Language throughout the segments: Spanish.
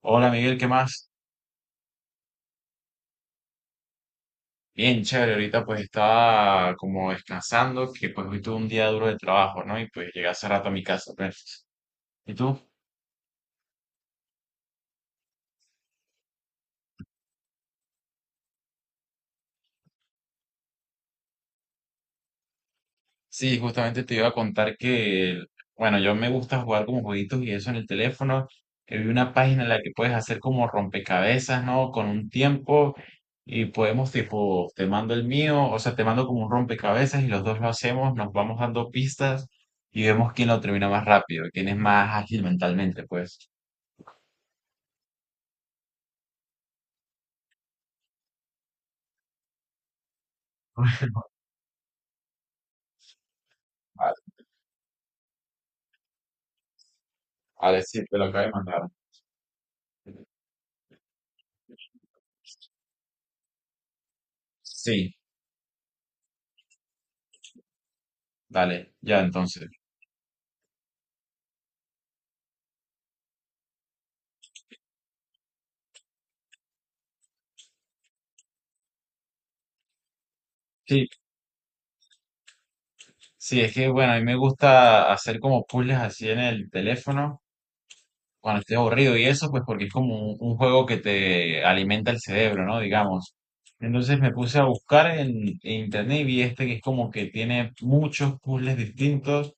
Hola Miguel, ¿qué más? Bien, chévere, ahorita pues estaba como descansando, que pues hoy tuve un día duro de trabajo, ¿no? Y pues llegué hace rato a mi casa, pues. ¿Y tú? Sí, justamente te iba a contar que, bueno, yo me gusta jugar como jueguitos y eso en el teléfono. Que vi una página en la que puedes hacer como rompecabezas, ¿no? Con un tiempo y podemos tipo, te mando el mío, o sea, te mando como un rompecabezas y los dos lo hacemos, nos vamos dando pistas y vemos quién lo termina más rápido, quién es más ágil mentalmente, pues. Vale, sí, te lo acabo de mandar. Sí, dale, ya entonces. Sí, sí, es que bueno, a mí me gusta hacer como puzzles así en el teléfono cuando estoy aburrido y eso, pues porque es como un juego que te alimenta el cerebro, ¿no? Digamos. Entonces me puse a buscar en internet y vi este que es como que tiene muchos puzzles distintos,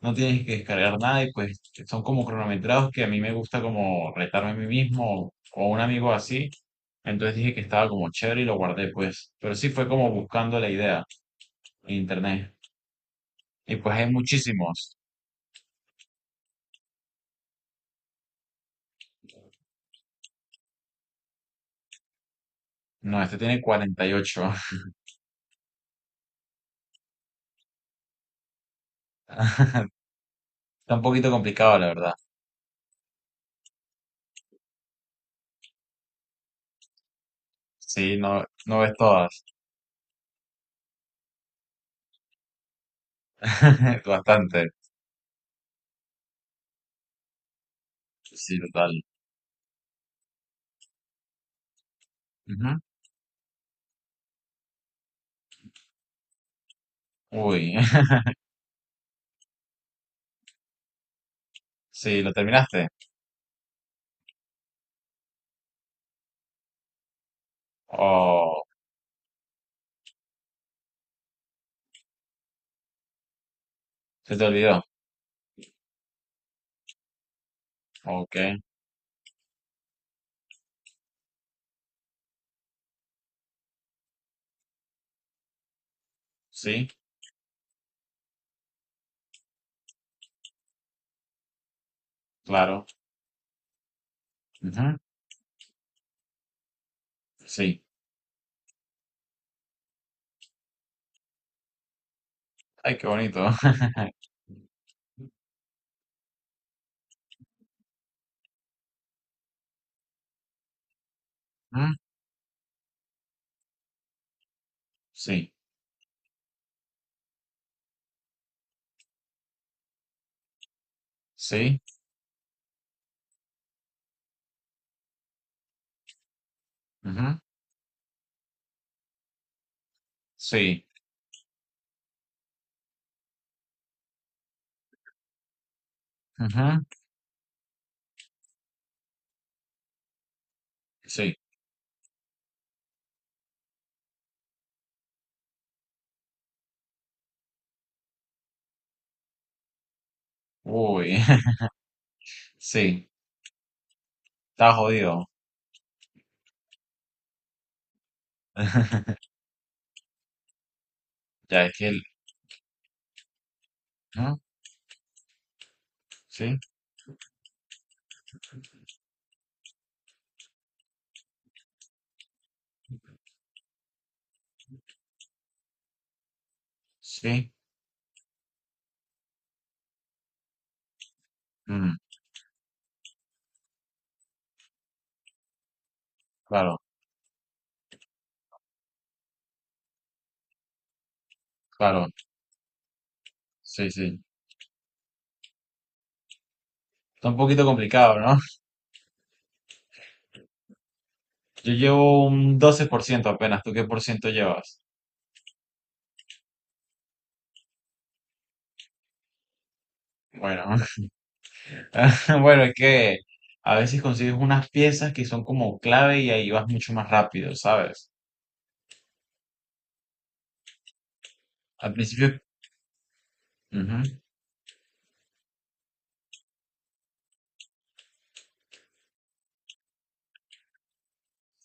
no tienes que descargar nada y pues son como cronometrados que a mí me gusta como retarme a mí mismo o a un amigo así. Entonces dije que estaba como chévere y lo guardé, pues. Pero sí fue como buscando la idea en internet. Y pues hay muchísimos. No, este tiene 48. Está un poquito complicado, la verdad. Sí, no, no ves todas. Bastante. Sí, total. Ujú. Uy. Sí, ¿lo terminaste? ¿O se te olvidó? Ok. Sí, claro. Ujú. Sí. Ay, qué bonito. Ujú. Sí, sí, ujú, sí, ujú, sí. Uy, sí, está jodido. Ya es que el... Ujú. Sí, sí, mm, claro, claro, sí, sí. Está un poquito complicado, ¿no? Yo llevo un 12% apenas. ¿Tú qué por ciento llevas? Bueno, bueno, es que a veces consigues unas piezas que son como clave y ahí vas mucho más rápido, ¿sabes? Al principio... Ujú.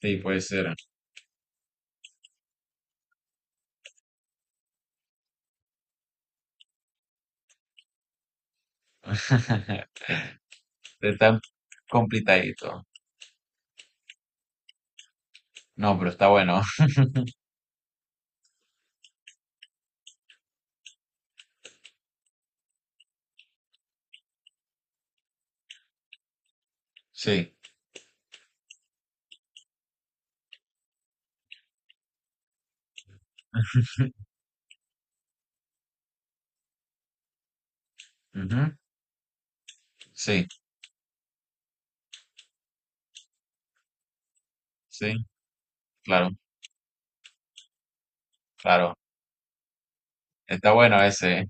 Sí, puede ser. Está complicadito. No, pero está bueno. Sí. Ujú. Sí, sí, claro, claro. Está bueno ese.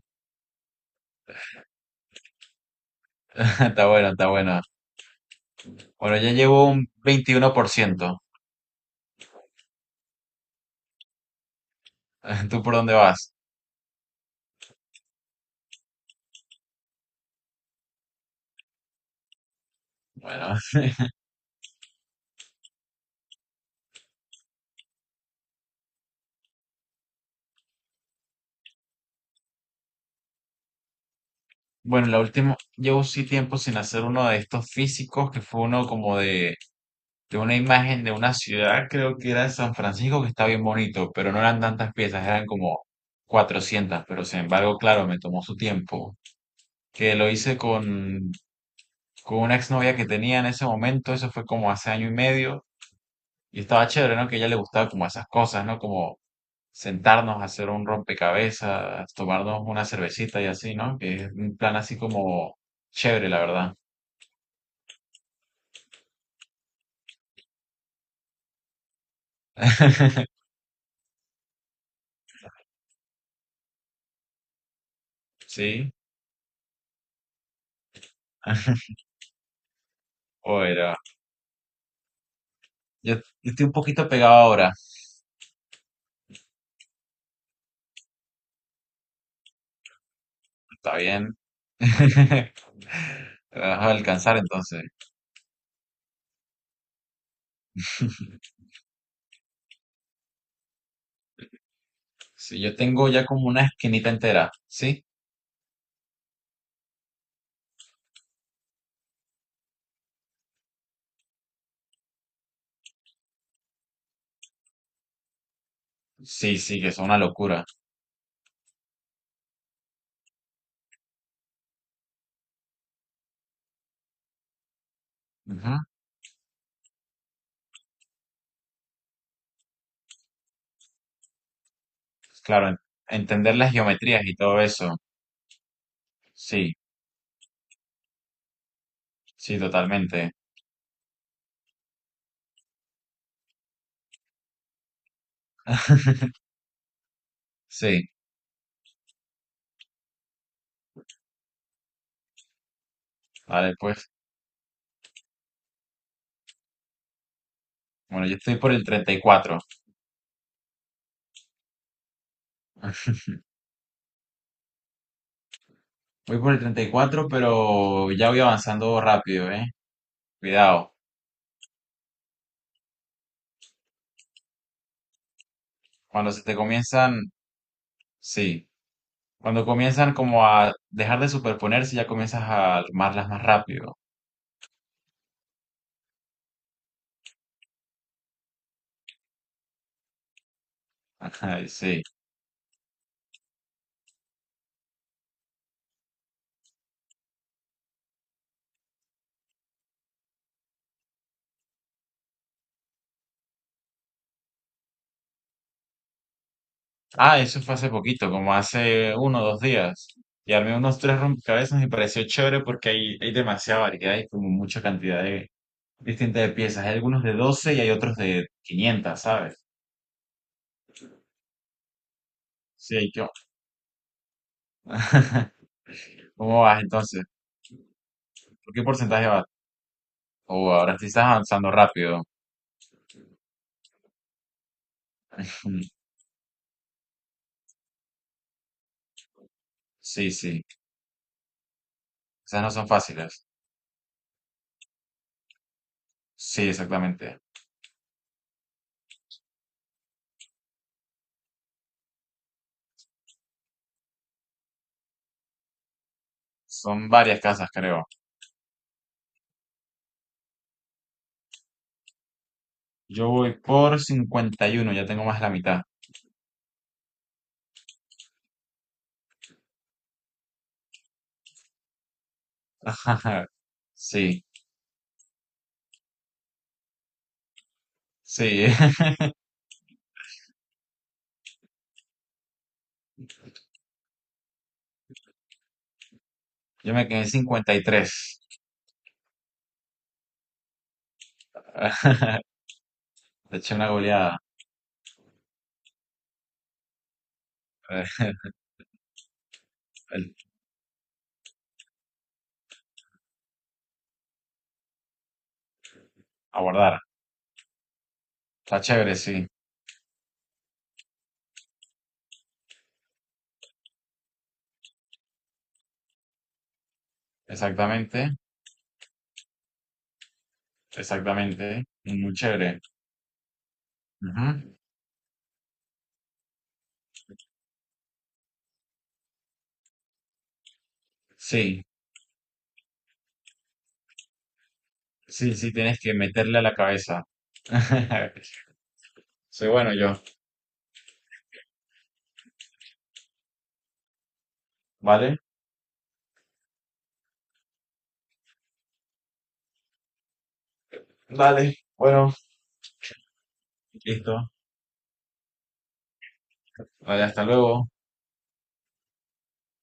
Está bueno, está bueno. Bueno, ya llevo un 21%. ¿Tú por dónde vas? Bueno, bueno, la última, llevo sí tiempo sin hacer uno de estos físicos, que fue uno como de una imagen de una ciudad, creo que era de San Francisco, que está bien bonito, pero no eran tantas piezas, eran como 400, pero sin embargo, claro, me tomó su tiempo, que lo hice con una exnovia que tenía en ese momento, eso fue como hace año y medio, y estaba chévere, ¿no? Que a ella le gustaba como esas cosas, ¿no? Como sentarnos a hacer un rompecabezas, tomarnos una cervecita y así, ¿no? Que es un plan así como chévere, la verdad. Sí. Bueno, yo estoy un poquito pegado ahora, está bien. Vas a alcanzar entonces. Sí, yo tengo ya como una esquinita entera, ¿sí? Sí, sí, que es una locura. Pues, claro, entender las geometrías y todo eso. Sí, sí, totalmente. Sí, vale, pues. Bueno, yo estoy por el 34. Voy por el 34, pero ya voy avanzando rápido, ¿eh? Cuidado. Cuando se te comienzan, sí. Cuando comienzan como a dejar de superponerse, ya comienzas a armarlas más rápido. Ajá, y sí. Ah, eso fue hace poquito, como hace uno o dos días. Y armé unos tres rompecabezas y me pareció chévere porque hay demasiada variedad y como mucha cantidad de, distinta de piezas. Hay algunos de 12 y hay otros de 500, ¿sabes? Sí, yo. ¿Cómo vas entonces? ¿Por qué porcentaje vas? Oh, ahora sí estás avanzando rápido. Mm. Sí, sí. Esas no son fáciles. Sí, exactamente. Son varias casas, creo. Yo voy por 51, ya tengo más de la mitad. Sí, sí. Yo me quedé en 53. Le eché una goleada. el- A guardar. Está chévere, sí. Exactamente. Exactamente, muy chévere. Ujú. Sí, sí, sí, tienes que meterle a la cabeza. Soy bueno yo, ¿vale? Dale, bueno, listo. Vale, hasta luego.